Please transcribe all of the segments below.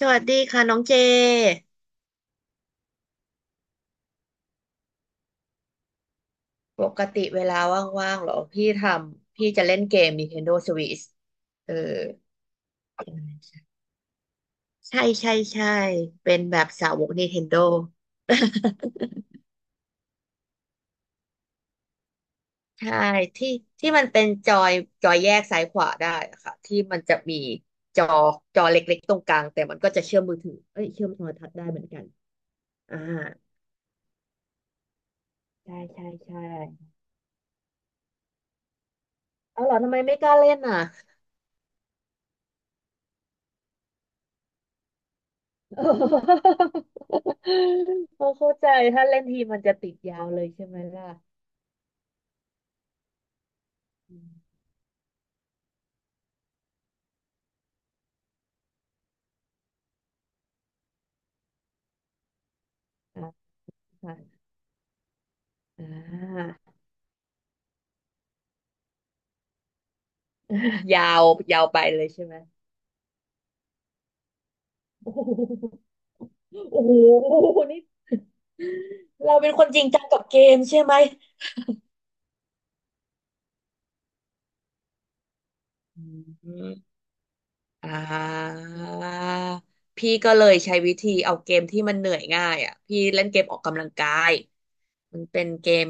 สวัสดีค่ะน้องเจ ปกติเวลาว่างๆเหรอพี่จะเล่นเกม Nintendo Switch เออใช่ใช่ใช่เป็นแบบสาวก Nintendo ใช่ที่ที่มันเป็นจอยจอยแยกซ้ายขวาได้อะค่ะที่มันจะมีจอจอเล็กๆตรงกลางแต่มันก็จะเชื่อมมือถือเอ้ยเชื่อมโทรทัศน์ได้เหมือนกันอ่าใช่ใช่ใช่เอาเหรอทำไมไม่กล้าเล่นอ่ะ พอเข้าใจถ้าเล่นทีมันจะติดยาวเลยใช่ไหมล่ะอืมอ่าค่ะอ่ายาวยาวไปเลยใช่ไหมโอ้โหโอ้โหนี่เราเป็นคนจริงจังกับเกมใช่ไหมอืม อ่าพี่ก็เลยใช้วิธีเอาเกมที่มันเหนื่อยง่ายอ่ะพี่เล่นเกมออกกำลังกายมันเป็นเกม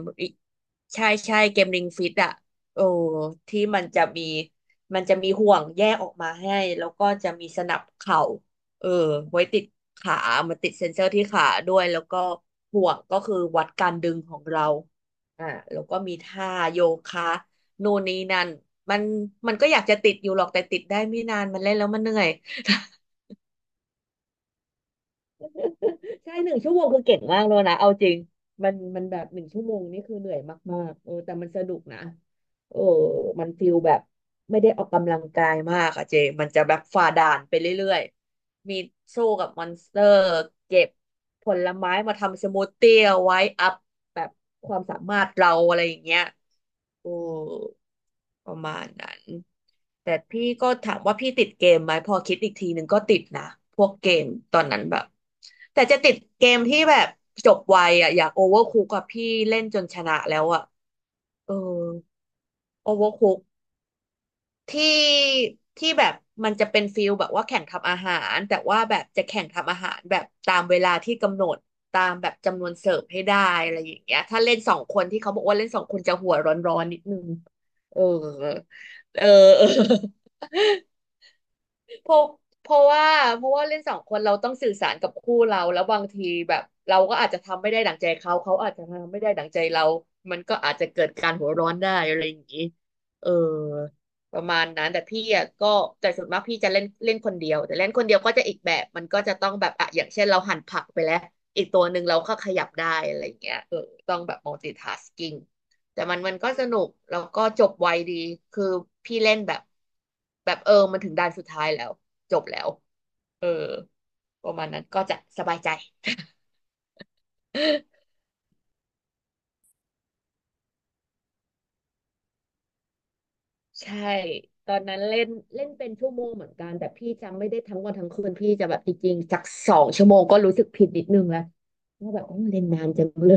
ใช่ใช่เกมริงฟิตอ่ะโอ้ที่มันจะมีห่วงแยกออกมาให้แล้วก็จะมีสนับเข่าเออไว้ติดขามันติดเซ็นเซอร์ที่ขาด้วยแล้วก็ห่วงก็คือวัดการดึงของเราอ่าแล้วก็มีท่าโยคะ นู่นนี่นั่นมันมันก็อยากจะติดอยู่หรอกแต่ติดได้ไม่นานมันเล่นแล้วมันเหนื่อย ใช่1 ชั่วโมงคือเก่งมากเลยนะเอาจริงมันแบบหนึ่งชั่วโมงนี่คือเหนื่อยมากๆเออแต่มันสนุกนะเออมันฟิลแบบไม่ได้ออกกำลังกายมากอะเจมันจะแบบฝ่าด่านไปเรื่อยๆมีสู้กับมอนสเตอร์เก็บผลไม้มาทำสมูทตี้เอาไว้อัพแบบความสามารถเราอะไรอย่างเงี้ย โอ้ประมาณนั้นแต่พี่ก็ถามว่าพี่ติดเกมไหมพอคิดอีกทีหนึ่งก็ติดนะพวกเกมตอนนั้นแบบแต่จะติดเกมที่แบบจบไวอ่ะอยากโอเวอร์คุกกับพี่เล่นจนชนะแล้วอ่ะเออโอเวอร์คุกที่ที่แบบมันจะเป็นฟิลแบบว่าแข่งทำอาหารแต่ว่าแบบจะแข่งทำอาหารแบบตามเวลาที่กำหนดตามแบบจำนวนเสิร์ฟให้ได้อะไรอย่างเงี้ยถ้าเล่นสองคนที่เขาบอกว่าเล่นสองคนจะหัวร้อนๆนิดนึง เออเออ เออเพราะเพราะว่าเพราะว่าเล่นสองคนเราต้องสื่อสารกับคู่เราแล้วบางทีแบบเราก็อาจจะทำไม่ได้ดั่งใจเขาเขาอาจจะทำไม่ได้ดั่งใจเรามันก็อาจจะเกิดการหัวร้อนได้อะไรอย่างนี้เออประมาณนั้นแต่พี่อ่ะก็แต่ส่วนมากพี่จะเล่นเล่นคนเดียวแต่เล่นคนเดียวก็จะอีกแบบมันก็จะต้องแบบอ่ะอย่างเช่นเราหั่นผักไปแล้วอีกตัวหนึ่งเราก็ขยับได้อะไรอย่างเงี้ยเออต้องแบบ multitasking แต่มันก็สนุกแล้วก็จบไวดีคือพี่เล่นแบบแบบเออมันถึงด่านสุดท้ายแล้วจบแล้วเออประมาณนั้นก็จะสบายใจใช่ตอนนั้นเล่นเล่นเป็นชั่วโมงเหมือนกันแต่พี่จำไม่ได้ทั้งวันทั้งคืนพี่จะแบบจริงๆสัก2 ชั่วโมงก็รู้สึกผิดนิดนึงแล้วว่าแบบโอ้เล่นนานจังเลย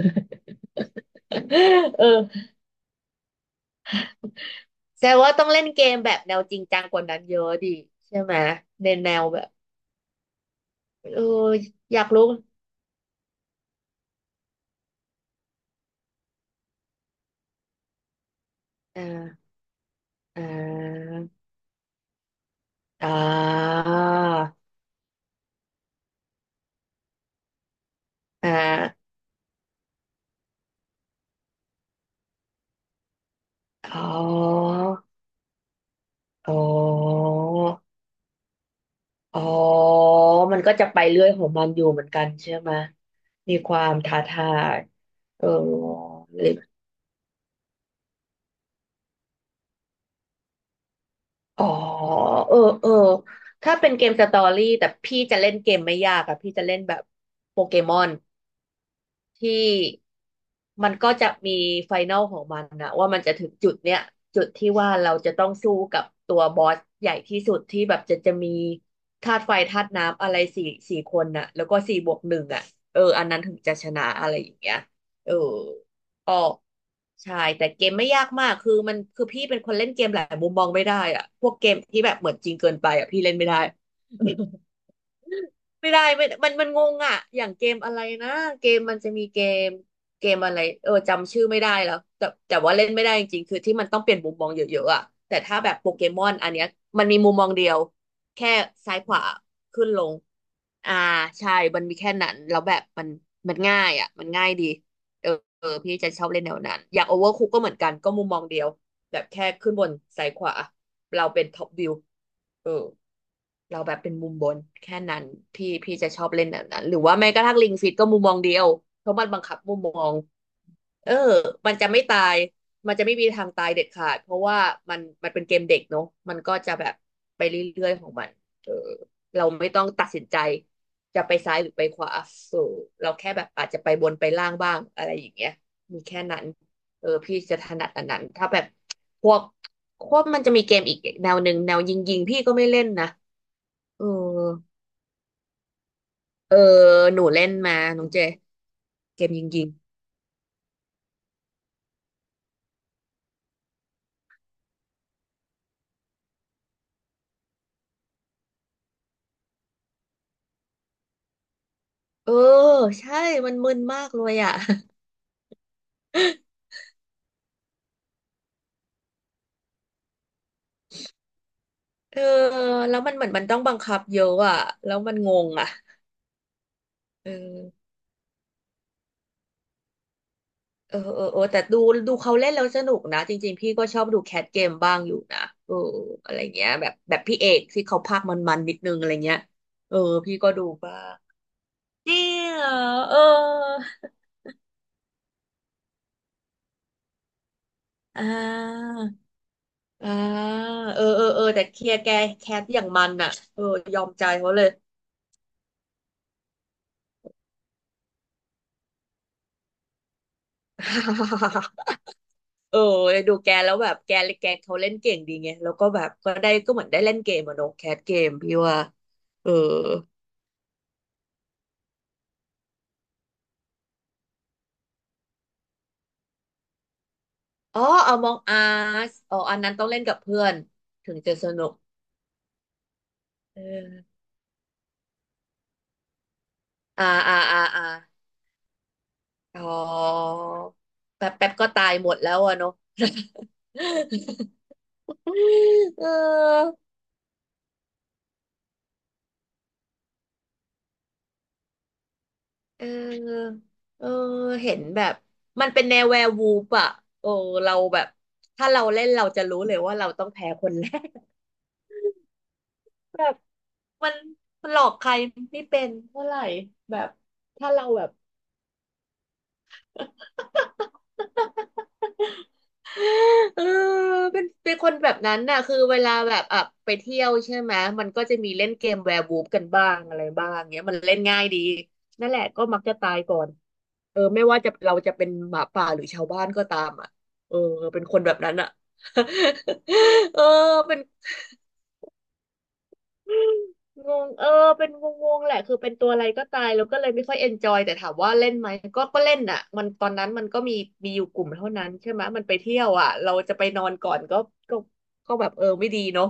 เออแสดงว่าต้องเล่นเกมแบบแนวจริงจังกว่านั้นเยอะดิใช่ไหมในแนวแบบเอออยากรู้อ่าอ่า อ่าอ่าอ๋อ อ๋อ อ๋อ มันก็จะไปเรื่อยของมันอยู่เหมือนกันใช่ไหม มีความท้าทายเออหรืออ๋อเออเออถ้าเป็นเกมสตอรี่แต่พี่จะเล่นเกมไม่ยากอะพี่จะเล่นแบบโปเกมอน ที่มันก็จะมีไฟแนลของมันนะว่ามันจะถึงจุดเนี้ยจุดที่ว่าเราจะต้องสู้กับตัวบอสใหญ่ที่สุดที่แบบจะมีธาตุไฟธาตุน้ำอะไรสี่คนน่ะแล้วก็4+1อ่ะเอออันนั้นถึงจะชนะอะไรอย่างเงี้ยเออก็ใช่แต่เกมไม่ยากมากคือมันคือพี่เป็นคนเล่นเกมหลายมุมมองไม่ได้อ่ะพวกเกมที่แบบเหมือนจริงเกินไปอ่ะพี่เล่นไม่ได้ ไม่ได้ไม่มันงงอ่ะอย่างเกมอะไรนะเกมมันจะมีมเกมอะไรเออจำชื่อไม่ได้แล้วแต่ว่าเล่นไม่ได้จริงๆคือที่มันต้องเปลี่ยนมุมมองเยอะๆอ่ะแต่ถ้าแบบโปเกมอนอันเนี้ยมันมีมุมมองเดียวแค่ซ้ายขวาขึ้นลงอ่าใช่มันมีแค่นั้นแล้วแบบมันง่ายอ่ะมันง่ายดีเออเออพี่จะชอบเล่นแนวนั้นอย่างโอเวอร์คุกก็เหมือนกันก็มุมมองเดียว แบบแค่ขึ้นบนซ้ายขวาเราเป็นท็อปวิวเออเราแบบเป็นมุมบนแค่นั้นพี่จะชอบเล่นแบบนั้นหรือว่าแม้กระทั่งลิงฟิตก็มุมมองเดียวเพราะมันบังคับมุมมอง เออมันจะไม่ตาย มันจะไม่มีทางตายเด็ดขาด เพราะว่ามันเป็นเกมเด็กเนาะมันก็จะแบบไปเรื่อยๆของมันเออเราไม่ต้องตัดสินใจจะไปซ้ายหรือไปขวาเออเราแค่แบบอาจจะไปบนไปล่างบ้างอะไรอย่างเงี้ยมีแค่นั้นเออพี่จะถนัดอันนั้นถ้าแบบพวกพวกมันจะมีเกมอีกแนวหนึ่งแนวยิงยิงพี่ก็ไม่เล่นนะเออเออหนูเล่นมาน้องเจเกมยิงยิงเออใช่มันมึนมากเลยอ่ะ เออแล้วมันเหมือนมันต้องบังคับเยอะอ่ะแล้วมันงงอ่ะเออเออเออเออแต่ดูดูเขาเล่นแล้วสนุกนะจริงๆพี่ก็ชอบดูแคทเกมบ้างอยู่นะเอออะไรเงี้ยแบบพี่เอกที่เขาพากย์มันๆนิดนึงอะไรเงี้ยเออพี่ก็ดูบ้างจริงเหรอเอออ่าอ่าเออเออเออแต่เคลียร์แกแคทอย่างมันอ่ะเออยอมใจเขาเลย เออดูแกแล้วแบบแกแกเขาเล่นเก่งดีไง แล้วก็แบบก็ได้ก็เหมือนได้เล่นเกมอะเนอะแคสเกมพี่ว่าเอออ๋อเอามองออ๋ออันนั้นต้องเล่นกับเพื่อนถึงจะสนุกเอออ่าอ่าอ่าอ่าอ๋อแป๊บแป๊บก็ตายหมดแล้วอะเนอะ เออเออเออเห็นแบบมันเป็นแนวแวร์วูฟอะโอ้เราแบบถ้าเราเล่นเราจะรู้เลยว่าเราต้องแพ้คนแรกแบบ มันมันหลอกใครไม่เป็นเท่าไหร่แบบถ้าเราแบบ เออเป็นคนแบบนั้นน่ะคือเวลาแบบอ่ะไปเที่ยวใช่ไหมมันก็จะมีเล่นเกมแวร์วูฟกันบ้างอะไรบ้างเงี้ยมันเล่นง่ายดีนั่นแหละก็มักจะตายก่อนเออไม่ว่าจะเราจะเป็นหมาป่าหรือชาวบ้านก็ตามอ่ะเออเป็นคนแบบนั้นอ่ะ เออเป็น งงเออเป็นงงงแหละคือเป็นตัวอะไรก็ตายแล้วก็เลยไม่ค่อยเอนจอยแต่ถามว่าเล่นไหมก็เล่นอ่ะมันตอนนั้นมันก็มีมีอยู่กลุ่มเท่านั้นใช่ไหมมันไปเที่ยวอ่ะเราจะไปนอนก่อนก็ก็แบบเออไม่ดีเนาะ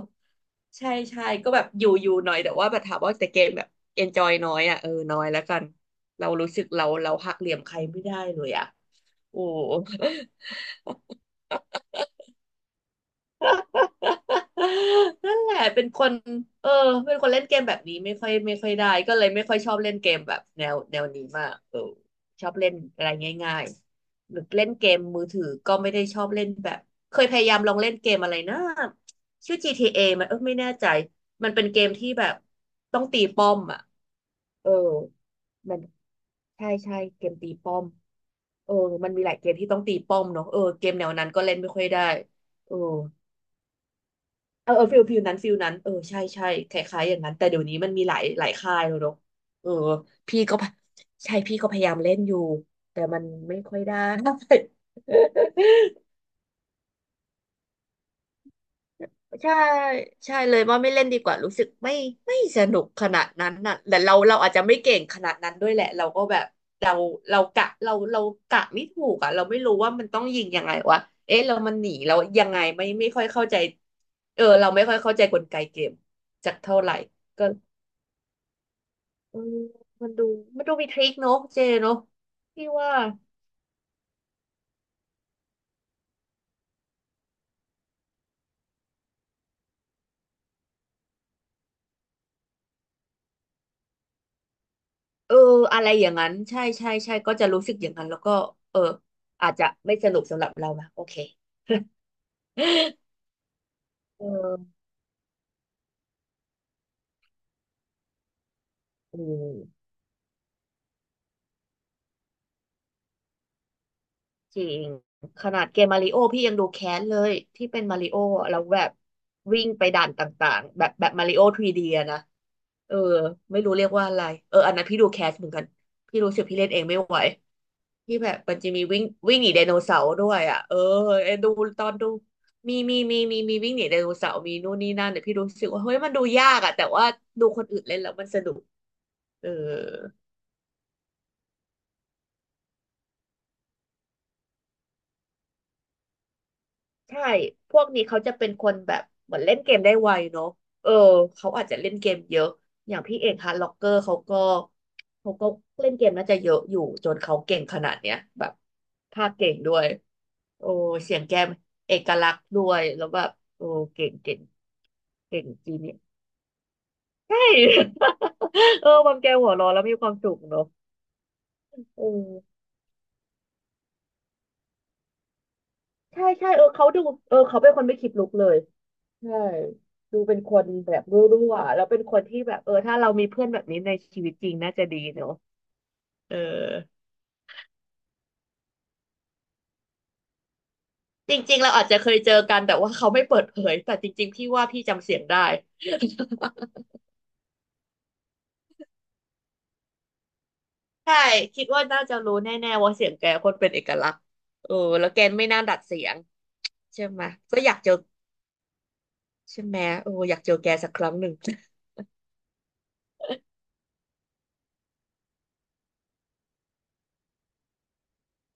ใช่ใช่ก็แบบอยู่อยู่หน่อยแต่ว่าแบบถามว่าแต่เกมแบบเอนจอยน้อยอ่ะเออน้อยแล้วกันเรารู้สึกเราหักเหลี่ยมใครไม่ได้เลยอ่ะโอ้ นั่นแหละเป็นคนเออเป็นคนเล่นเกมแบบนี้ไม่ค่อยได้ก็เลยไม่ค่อยชอบเล่นเกมแบบแนวนี้มากเออชอบเล่นอะไรง่ายๆหรือเล่นเกมมือถือก็ไม่ได้ชอบเล่นแบบเคยพยายามลองเล่นเกมอะไรนะชื่อ GTA มันเออไม่แน่ใจมันเป็นเกมที่แบบต้องตีป้อมอ่ะเออมันใช่ใช่เกมตีป้อมเออมันมีหลายเกมที่ต้องตีป้อมเนาะเออเกมแนวนั้นก็เล่นไม่ค่อยได้เออ เออเออฟิลนั้นเออใช่ใช่คล้ายๆอย่างนั้นแต่เดี๋ยวนี้มันมีหลายค่ายแล้วเนอะเออพี่ก็พะใช่พี่ก็พยายามเล่นอยู่แต่มันไม่ค่อยได้ ใช่ใช่เลยว่าไม่เล่นดีกว่ารู้สึกไม่ไม่สนุกขนาดนั้นน่ะแต่เราอาจจะไม่เก่งขนาดนั้นด้วยแหละเราก็แบบเราเรากะไม่ถูกอ่ะเราไม่รู้ว่ามันต้องยิงยังไงวะเอ๊ะเรามันหนีเรายังไงไม่ค่อยเข้าใจเออเราไม่ค่อยเข้าใจกลไกเกมจากเท่าไหร่ก็ เออมันดูมันดูมีทริคเนอะเจเนอะพี่ว่าเอออะไรอย่างนั้นใช่ใช่ใช่ก็จะรู้สึกอย่างนั้นแล้วก็เอออาจจะไม่สนุกสำหรับเรานะโอเค เอออืม จริงขนาดเกมมาริโอพี่ยังดูแค้นเลยที่เป็นมาริโออะแล้วแบบวิ่งไปด่านต่างๆแบบมาริโอ3ีดีอะนะเออไม่รู้เรียกว่าอะไรเอออันนั้นพี่ดูแคสเหมือนกันพี่รู้สึกพี่เล่นเองไม่ไหวที่แบบมันจะมีวิ่งวิ่งหนีไดโนเสาร์ด้วยอ่ะเออไอ้ดูตอนดูมีวิ่งหนีไดโนเสาร์มีนู่นนี่นั่นเนี่ยพี่รู้สึกว่าเฮ้ยมันดูยากอ่ะแต่ว่าดูคนอื่นเล่นแล้วมันสนุกเออ ใช่พวกนี้เขาจะเป็นคนแบบเหมือนเล่นเกมได้ไวเนาะเออเขาอาจจะเล่นเกมเยอะอย่างพี่เอกฮาร์ดล็อกเกอร์เขาก็เขาก็เล่นเกมน่าจะเยอะอยู่จนเขาเก่งขนาดเนี้ยแบบภาคเก่งด้วยโอ้เสียงแกมเอกลักษณ์ด้วยแล้วแบบโอ้เก่งเก่งจริงเนี่ยใช่ เออความแกหัวเร้อนแล้วมีความสุขเนาะเออใช่ใช่เออเขาดูเออเขาเป็นคนไม่คิดลุกเลย ใช่ดูเป็นคนแบบรั่วๆแล้วเป็นคนที่แบบเออถ้าเรามีเพื่อนแบบนี้ในชีวิตจริงน่าจะดีเนอะเออจริงๆเราอาจจะเคยเจอกันแต่ว่าเขาไม่เปิดเผยแต่จริงๆพี่ว่าพี่จำเสียงได้ใช่คิดว่าน่าจะรู้แน่ๆว่าเสียงแกคนเป็นเอกลักษณ์เออแล้วแกไม่น่าดัดเสียงใช่ไหมก็อยากเจอใช่ไหมโอออยากเจอแกสักครั้งหนึ่ง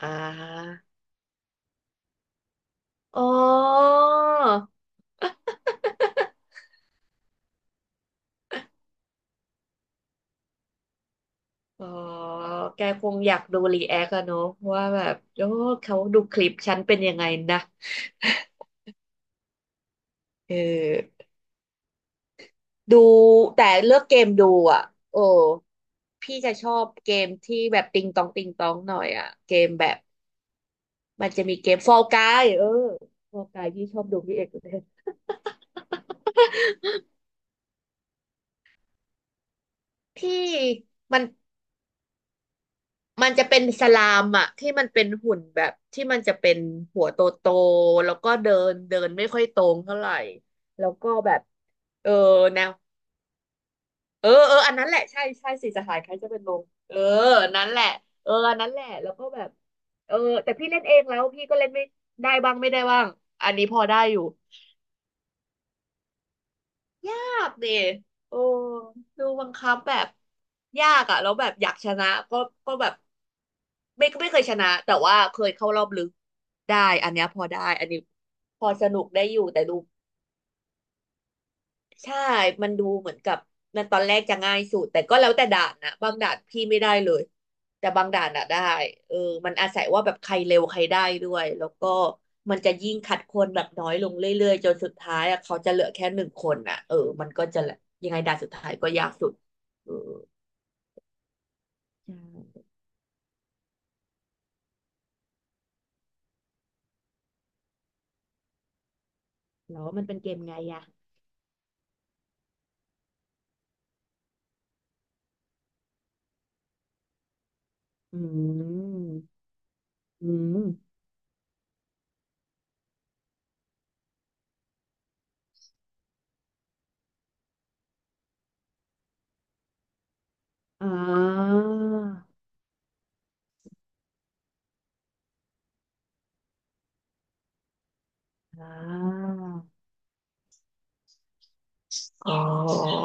อ่าอ๋ออ๋อแกคงอยากดูรีแอคอะเนอะว่าแบบโอ้เขาดูคลิปฉันเป็นยังไงนะ เออดูแต่เลือกเกมดูอ่ะโอ้พี่จะชอบเกมที่แบบติงตองติงตองหน่อยอ่ะเกมแบบมันจะมีเกมฟอลกายเออฟอลกายพี่ชอบดูพี่เอกเลยที่ มันมันจะเป็นสลามอะที่มันเป็นหุ่นแบบที่มันจะเป็นหัวโตโตแล้วก็เดินเดินไม่ค่อยตรงเท่าไหร่แล้วก็แบบเออแนว เออเอออันนั้นแหละใช่ใช่สิจะหายใครจะเป็นลมเออนั้นแหละเอออันนั้นแหละแล้วก็แบบเออแต่พี่เล่นเองแล้วพี่ก็เล่นไม่ได้บ้างไม่ได้บ้างอันนี้พอได้อยู่ยากดิโอ้ดูบังคับแบบยากอะแล้วแบบอยากชนะก็ก็แบบไม่เคยชนะแต่ว่าเคยเข้ารอบลึกได้อันเนี้ยพอได้อันนี้พอสนุกได้อยู่แต่ดู ใช่ มันดูเหมือนกับมันตอนแรกจะง่ายสุดแต่ก็แล้วแต่ด่านนะบางด่านพี่ไม่ได้เลยแต่บางด่านอะได้เออมันอาศัยว่าแบบใครเร็วใครได้ด้วยแล้วก็มันจะยิ่งคัดคนแบบน้อยลงเรื่อยๆจนสุดท้ายอะเขาจะเหลือแค่หนึ่งคนอะเออมันก็จะยังไงด่านสุดท้ายก็ยากสุดเออใช่แล้วมันเป็นเกมไงอะอืมอืมอ่าอ่า อ๋อ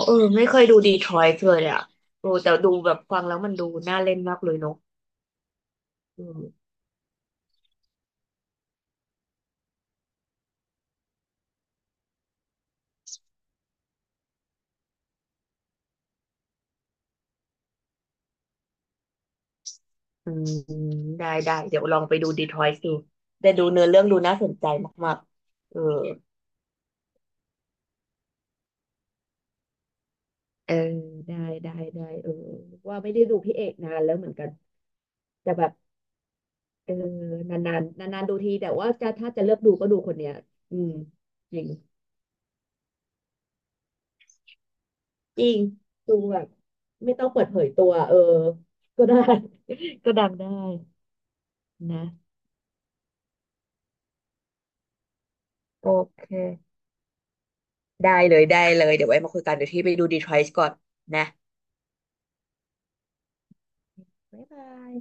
เออไม่เคยดูดีทรอยต์เลยอ่ะโอ้แต่ดูแบบฟังแล้วมันดูน่าเล่นมากเลยเนาะอืมอืมได้ได้เดี๋ยวลองไปดูดีทรอยต์ดูแต่ดูเนื้อเรื่องดูน่าสนใจมากๆเออเออได้ได้ได้เออว่าไม่ได้ดูพี่เอกนานแล้วเหมือนกันแต่แบบเออนานนานนานนานๆดูทีแต่ว่าจะถ้าจะเลือกดูก็ดูคนเนี้ยอืมจริงจริงดูแบบไม่ต้องเปิดเผยตัวเออก็ได้ ก็ดังได้นะโอเค ได้เลยได้เลยเดี๋ยวไว้มาคุยกันเดี๋ยวที่ไปดูดีทรอยต์ก่อนนะบ๊ายบาย